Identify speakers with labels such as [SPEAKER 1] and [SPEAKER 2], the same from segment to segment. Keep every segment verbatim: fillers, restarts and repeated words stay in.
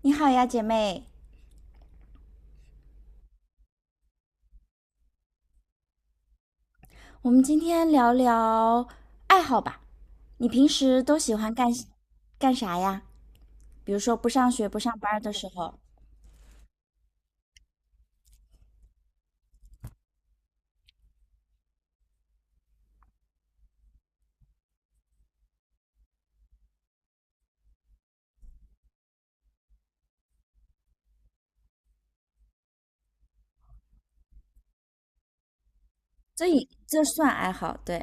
[SPEAKER 1] 你好呀，姐妹，我们今天聊聊爱好吧。你平时都喜欢干干啥呀？比如说不上学、不上班的时候，这也这算爱好，对。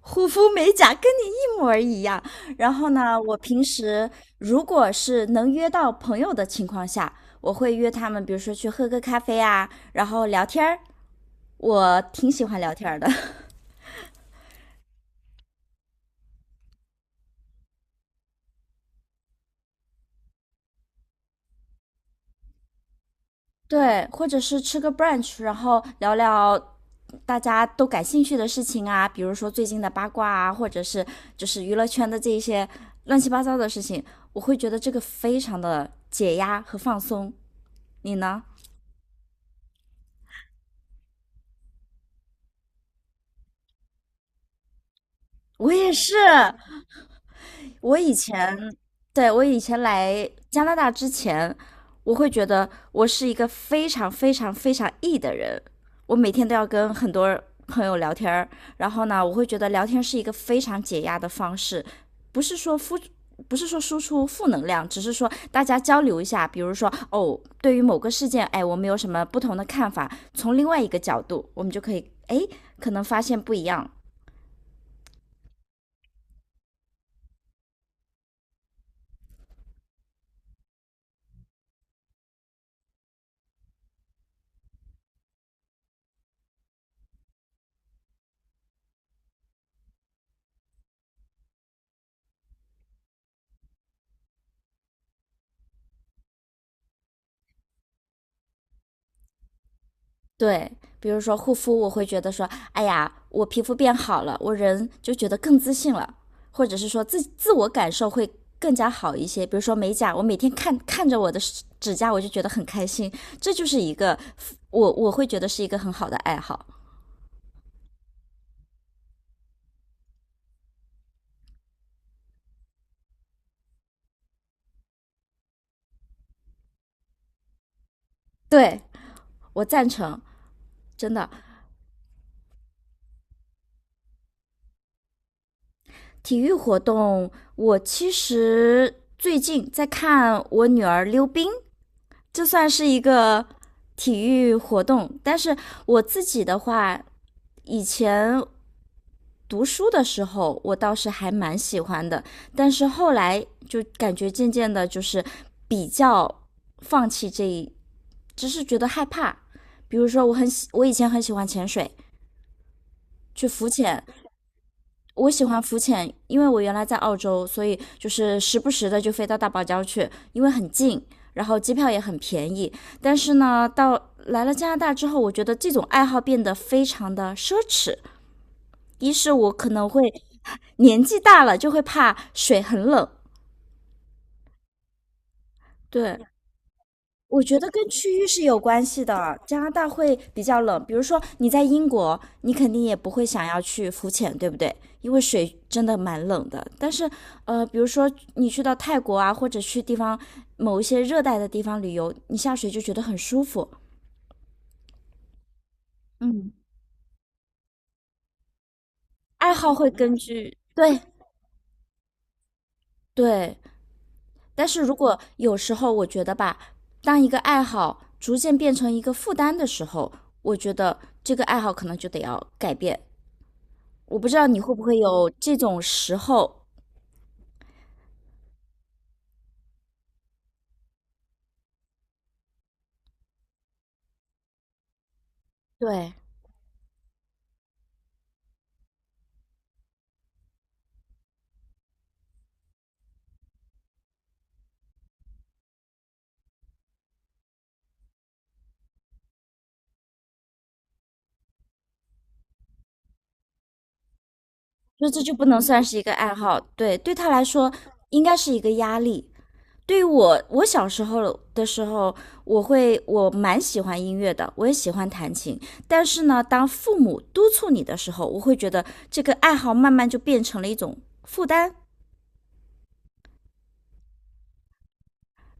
[SPEAKER 1] 护肤美甲跟你一模儿一样。然后呢，我平时如果是能约到朋友的情况下，我会约他们，比如说去喝个咖啡啊，然后聊天儿。我挺喜欢聊天儿的。对，或者是吃个 brunch，然后聊聊大家都感兴趣的事情啊，比如说最近的八卦啊，或者是就是娱乐圈的这一些乱七八糟的事情，我会觉得这个非常的解压和放松。你呢？我也是，我以前对我以前来加拿大之前，我会觉得我是一个非常非常非常 E 的人，我每天都要跟很多朋友聊天儿，然后呢，我会觉得聊天是一个非常解压的方式，不是说付。不是说输出负能量，只是说大家交流一下，比如说哦，对于某个事件，哎，我们有什么不同的看法，从另外一个角度，我们就可以哎，可能发现不一样，对。比如说护肤，我会觉得说，哎呀，我皮肤变好了，我人就觉得更自信了，或者是说自自我感受会更加好一些。比如说美甲，我每天看看着我的指甲，我就觉得很开心，这就是一个我我会觉得是一个很好的爱好。对，我赞成，真的。体育活动，我其实最近在看我女儿溜冰，这算是一个体育活动。但是我自己的话，以前读书的时候，我倒是还蛮喜欢的，但是后来就感觉渐渐的，就是比较放弃这一，只是觉得害怕。比如说，我很喜，我以前很喜欢潜水，去浮潜。我喜欢浮潜，因为我原来在澳洲，所以就是时不时的就飞到大堡礁去，因为很近，然后机票也很便宜。但是呢，到来了加拿大之后，我觉得这种爱好变得非常的奢侈。一是我可能会年纪大了，就会怕水很冷。对，我觉得跟区域是有关系的。加拿大会比较冷，比如说你在英国，你肯定也不会想要去浮潜，对不对？因为水真的蛮冷的。但是，呃，比如说你去到泰国啊，或者去地方某一些热带的地方旅游，你下水就觉得很舒服。嗯，爱好会根据，对。对，但是如果有时候我觉得吧，当一个爱好逐渐变成一个负担的时候，我觉得这个爱好可能就得要改变。我不知道你会不会有这种时候，对，就这就不能算是一个爱好，对，对他来说应该是一个压力。对于我，我小时候的时候，我会我蛮喜欢音乐的，我也喜欢弹琴。但是呢，当父母督促你的时候，我会觉得这个爱好慢慢就变成了一种负担。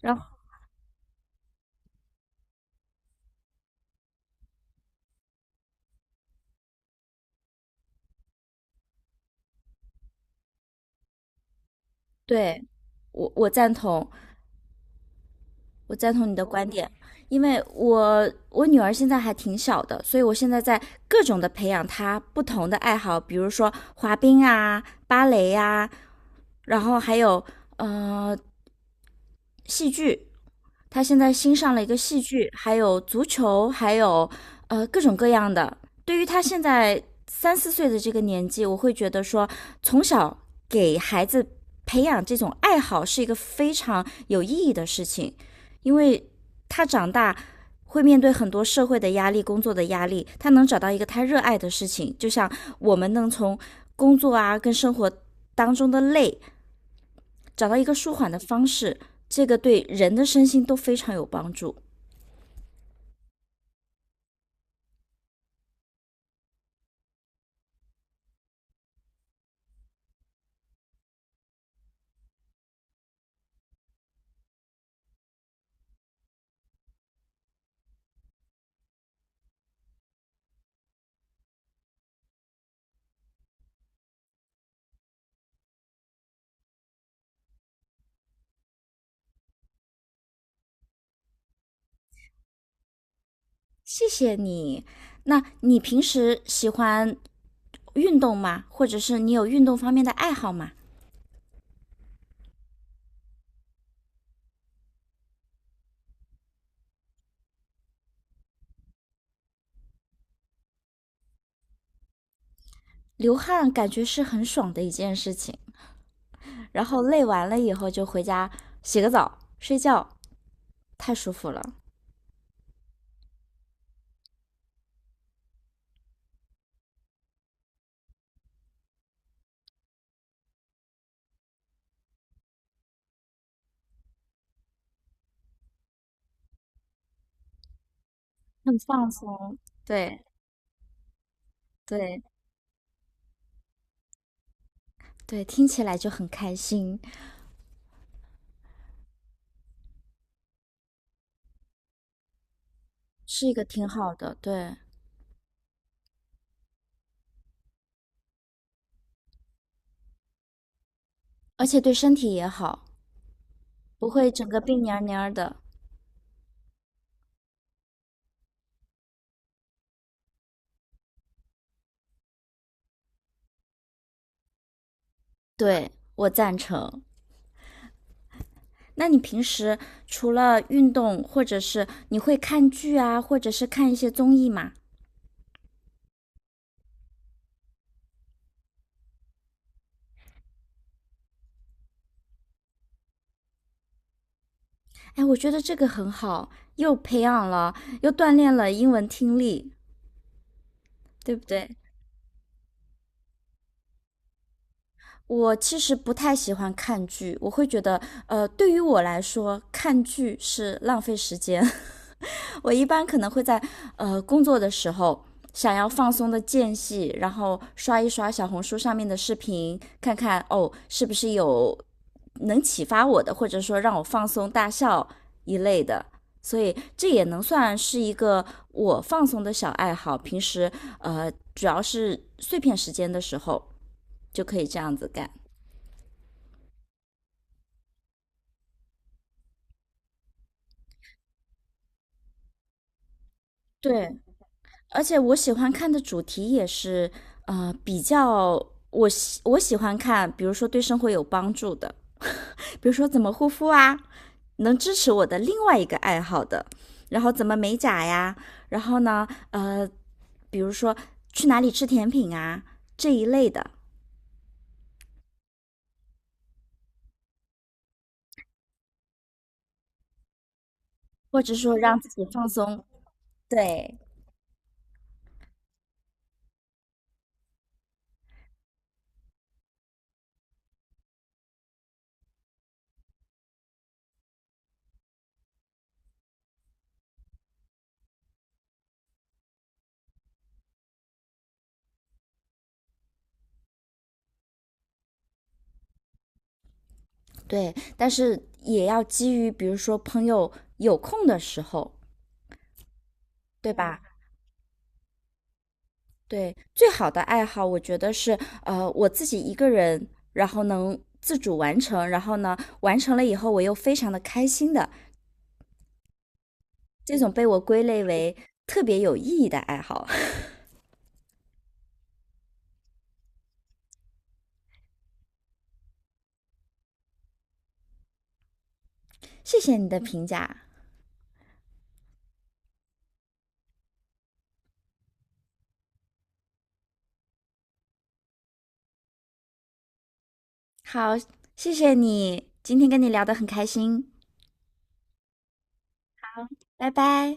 [SPEAKER 1] 然对，我我赞同，我赞同你的观点，因为我我女儿现在还挺小的，所以我现在在各种的培养她不同的爱好，比如说滑冰啊、芭蕾呀、然后还有呃戏剧，他现在新上了一个戏剧，还有足球，还有呃各种各样的。对于他现在三四岁的这个年纪，我会觉得说，从小给孩子培养这种爱好是一个非常有意义的事情，因为他长大会面对很多社会的压力、工作的压力，他能找到一个他热爱的事情，就像我们能从工作啊跟生活当中的累找到一个舒缓的方式，这个对人的身心都非常有帮助。谢谢你。那你平时喜欢运动吗？或者是你有运动方面的爱好吗？流汗感觉是很爽的一件事情，然后累完了以后就回家洗个澡、睡觉，太舒服了，很放松。对对对，听起来就很开心，是一个挺好的，对，而且对身体也好，不会整个病蔫蔫儿的。对，我赞成。那你平时除了运动，或者是你会看剧啊，或者是看一些综艺嘛？哎，我觉得这个很好，又培养了，又锻炼了英文听力，对不对？我其实不太喜欢看剧，我会觉得，呃，对于我来说，看剧是浪费时间。我一般可能会在呃工作的时候，想要放松的间隙，然后刷一刷小红书上面的视频，看看哦是不是有能启发我的，或者说让我放松大笑一类的。所以这也能算是一个我放松的小爱好。平时呃，主要是碎片时间的时候就可以这样子干。对，而且我喜欢看的主题也是呃比较我喜我喜欢看，比如说对生活有帮助的，比如说怎么护肤啊，能支持我的另外一个爱好的，然后怎么美甲呀，然后呢呃，比如说去哪里吃甜品啊这一类的，或者说让自己放松，对。对，但是也要基于比如说朋友有空的时候，对吧？对，最好的爱好，我觉得是呃我自己一个人，然后能自主完成，然后呢完成了以后我又非常的开心的，这种被我归类为特别有意义的爱好。谢谢你的评价，好，谢谢你，今天跟你聊得很开心，拜拜。